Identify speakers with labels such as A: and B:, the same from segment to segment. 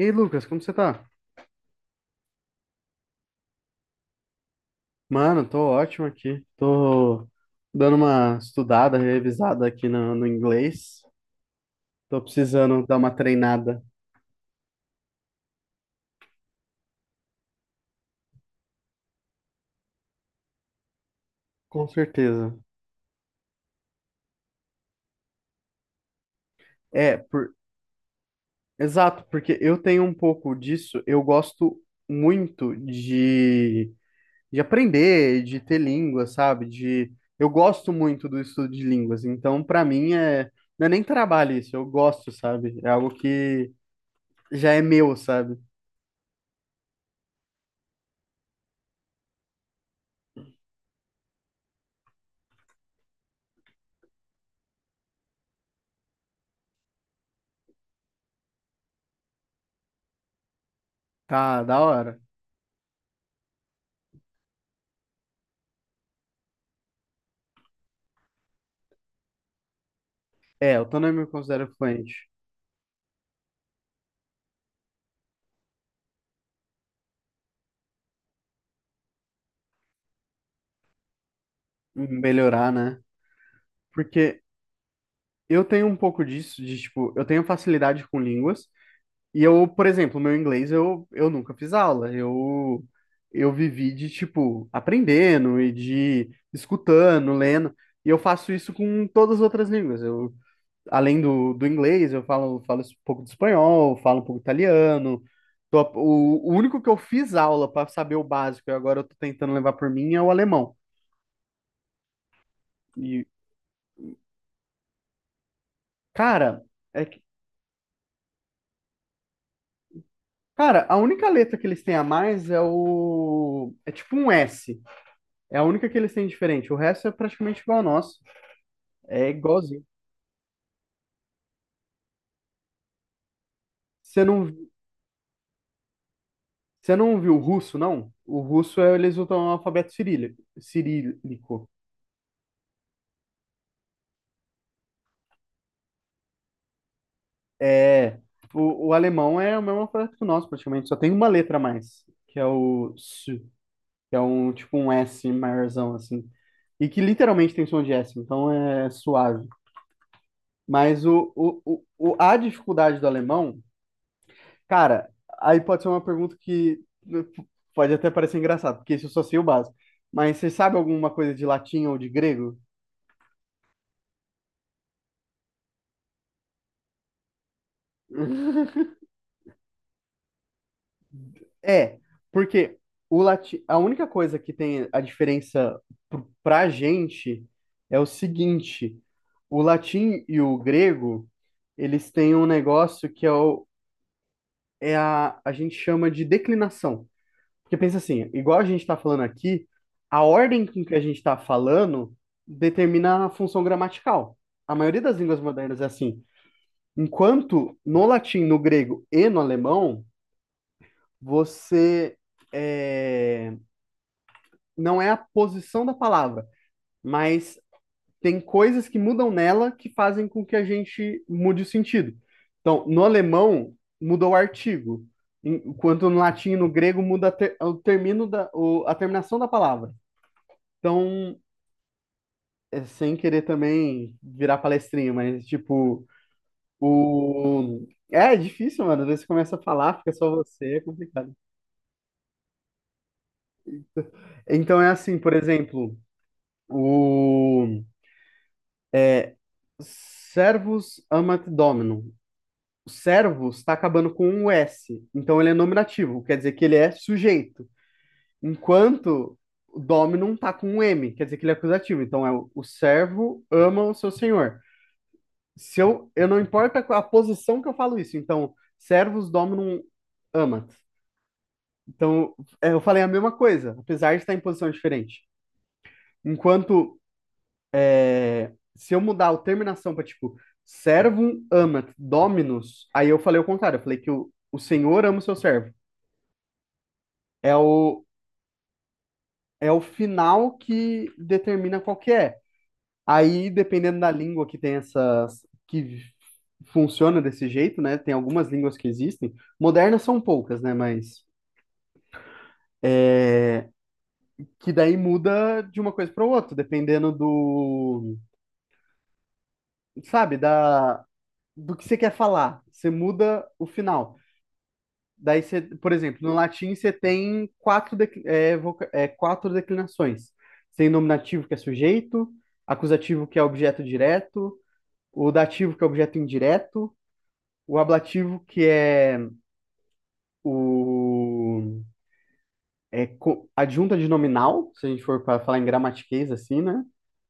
A: E aí, Lucas, como você tá? Mano, tô ótimo aqui. Tô dando uma estudada, revisada aqui no inglês. Tô precisando dar uma treinada. Com certeza. É, por... exato, porque eu tenho um pouco disso. Eu gosto muito de aprender, de ter língua, sabe? De... Eu gosto muito do estudo de línguas. Então, pra mim, não é nem trabalho isso. Eu gosto, sabe? É algo que já é meu, sabe? Tá, da hora. É, eu também me considero fluente em melhorar, né? Porque eu tenho um pouco disso, de tipo, eu tenho facilidade com línguas, e eu, por exemplo, meu inglês eu nunca fiz aula, eu vivi de, tipo, aprendendo e de escutando, lendo, e eu faço isso com todas as outras línguas. Eu, além do inglês, eu falo, falo um pouco de espanhol, falo um pouco de italiano. O único que eu fiz aula para saber o básico e agora eu tô tentando levar por mim é o alemão. Cara, é que, cara, a única letra que eles têm a mais é o. É tipo um S. É a única que eles têm diferente. O resto é praticamente igual ao nosso. É igualzinho. Você não, você não viu o russo, não? O russo é, eles usam o alfabeto cirílico. É. O alemão é o mesmo alfabeto que o nosso, praticamente. Só tem uma letra a mais, que é o S, que é um tipo um S maiorzão, assim. E que literalmente tem som de S, então é suave. Mas a dificuldade do alemão, cara, aí pode ser uma pergunta que né, pode até parecer engraçado, porque isso eu só sei o básico. Mas você sabe alguma coisa de latim ou de grego? É, porque o latim, a única coisa que tem a diferença pra gente é o seguinte: o latim e o grego, eles têm um negócio que é a gente chama de declinação. Porque pensa assim, igual a gente está falando aqui, a ordem com que a gente está falando determina a função gramatical. A maioria das línguas modernas é assim. Enquanto no latim, no grego e no alemão, você é, não é a posição da palavra, mas tem coisas que mudam nela que fazem com que a gente mude o sentido. Então, no alemão, mudou o artigo, enquanto no latim e no grego muda a o termino a terminação da palavra. Então, é, sem querer também virar palestrinha, mas tipo, o. É, é difícil, mano. Às vezes você começa a falar, fica só você, é complicado. Então é assim, por exemplo, o servus amat dominum. O servus está acabando com um S, então ele é nominativo, quer dizer que ele é sujeito. Enquanto o dominum tá com um M, quer dizer que ele é acusativo. Então é o servo ama o seu senhor. Se eu, eu não importa a posição que eu falo isso. Então, servus dominum amat. Então, é, eu falei a mesma coisa, apesar de estar em posição diferente. Enquanto é, se eu mudar a terminação para tipo servum amat dominus, aí eu falei o contrário, eu falei que o Senhor ama o seu servo. É o, é o final que determina qual que é. Aí, dependendo da língua que tem essas, que funciona desse jeito, né? Tem algumas línguas que existem, modernas são poucas, né? Mas que daí muda de uma coisa para outra, dependendo do, sabe, da do que você quer falar. Você muda o final. Daí você, por exemplo, no latim você tem quatro declinações. Você tem nominativo que é sujeito, acusativo que é objeto direto, o dativo que é objeto indireto, o ablativo que é o adjunta de nominal, se a gente for para falar em gramatiquês assim, né?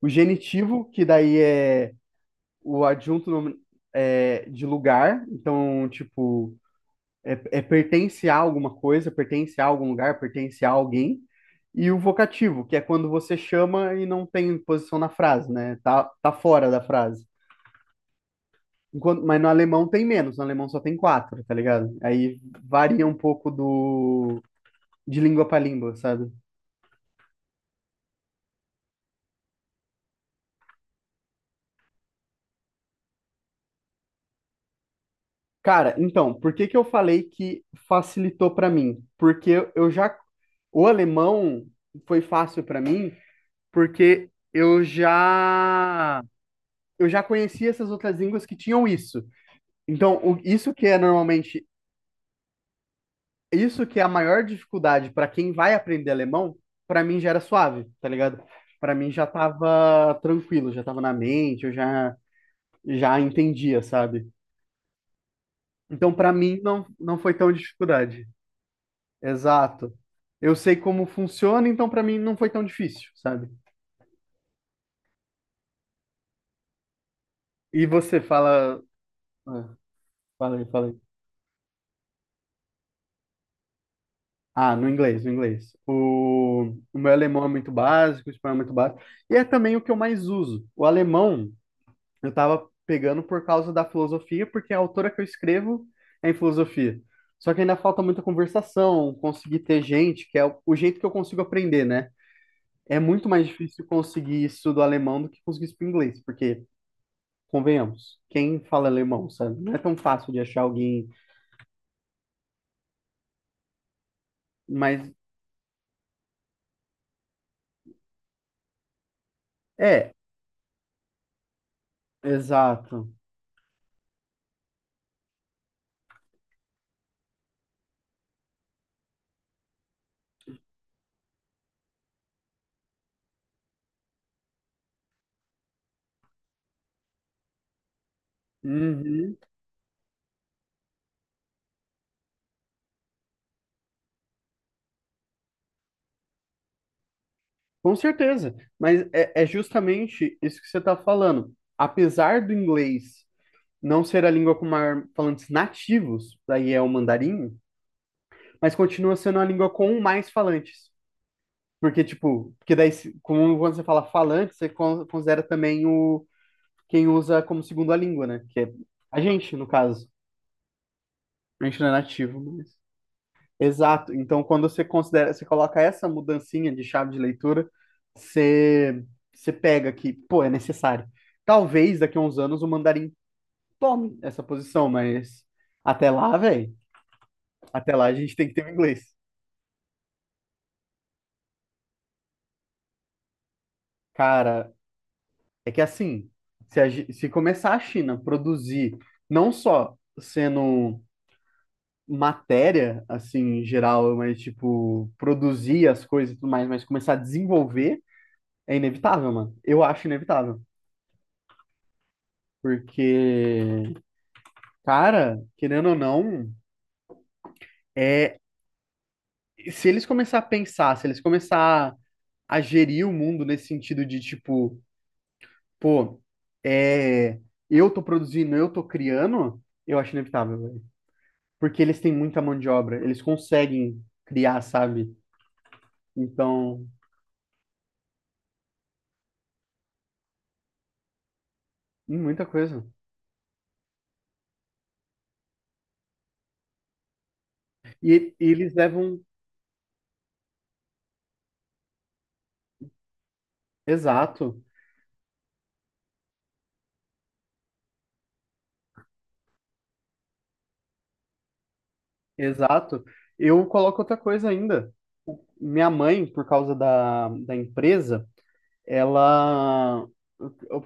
A: O genitivo, que daí é o de lugar, então, tipo, é pertence a alguma coisa, pertence a algum lugar, pertence a alguém. E o vocativo, que é quando você chama e não tem posição na frase, né? Tá fora da frase. Enquanto, mas no alemão tem menos, no alemão só tem quatro, tá ligado? Aí varia um pouco do de língua para língua, sabe? Cara, então, por que que eu falei que facilitou pra mim? Porque eu já o alemão foi fácil pra mim, porque eu já conhecia essas outras línguas que tinham isso. Então, isso que é normalmente, isso que é a maior dificuldade pra quem vai aprender alemão, pra mim já era suave, tá ligado? Pra mim já tava tranquilo, já tava na mente, eu já já entendia, sabe? Então, pra mim não foi tão dificuldade. Exato. Eu sei como funciona, então pra mim não foi tão difícil, sabe? E você fala. Ah, Fala aí, fala aí. Ah, no inglês, no inglês. O meu alemão é muito básico, o espanhol é muito básico. E é também o que eu mais uso. O alemão eu tava pegando por causa da filosofia, porque a autora que eu escrevo é em filosofia. Só que ainda falta muita conversação, conseguir ter gente, que é o jeito que eu consigo aprender, né? É muito mais difícil conseguir isso do alemão do que conseguir isso pro inglês, porque convenhamos, quem fala alemão, sabe? Não é tão fácil de achar alguém, mas é, exato. Uhum, com certeza, mas é, é justamente isso que você está falando. Apesar do inglês não ser a língua com maior falantes nativos, daí é o mandarim, mas continua sendo a língua com mais falantes. Porque, tipo, porque daí, como quando você fala falante, você considera também o quem usa como segunda língua, né? Que é a gente, no caso. A gente não é nativo, exato. Então, quando você considera, você coloca essa mudancinha de chave de leitura, você, você pega que, pô, é necessário. Talvez daqui a uns anos o mandarim tome essa posição, mas até lá, velho, até lá a gente tem que ter o inglês. Cara, é que assim, se, se começar a China produzir, não só sendo matéria, assim, em geral, mas tipo, produzir as coisas e tudo mais, mas começar a desenvolver, é inevitável, mano. Eu acho inevitável. Porque, cara, querendo ou não, é, se eles começar a pensar, se eles começar a gerir o mundo nesse sentido de tipo, pô, é, eu tô produzindo, eu tô criando, eu acho inevitável, velho. Porque eles têm muita mão de obra, eles conseguem criar, sabe? Então, muita coisa. E eles levam. Exato, exato. Eu coloco outra coisa ainda. Minha mãe, por causa da empresa, ela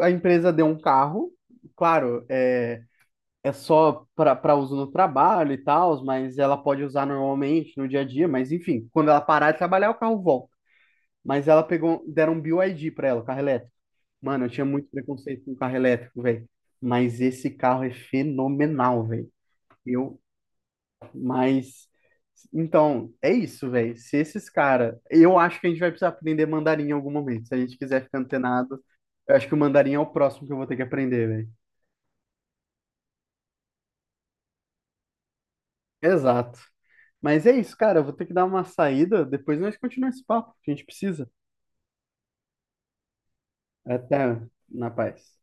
A: a empresa deu um carro, claro, é só para uso no trabalho e tal, mas ela pode usar normalmente no dia a dia, mas enfim, quando ela parar de trabalhar, o carro volta. Mas ela pegou, deram um BYD para ela, o carro elétrico. Mano, eu tinha muito preconceito com carro elétrico, velho. Mas esse carro é fenomenal, velho. Eu mas, então, é isso, velho. Se esses caras. Eu acho que a gente vai precisar aprender mandarim em algum momento. Se a gente quiser ficar antenado, eu acho que o mandarim é o próximo que eu vou ter que aprender, velho. Exato. Mas é isso, cara. Eu vou ter que dar uma saída. Depois nós continuamos esse papo. Que A gente precisa. Até na paz.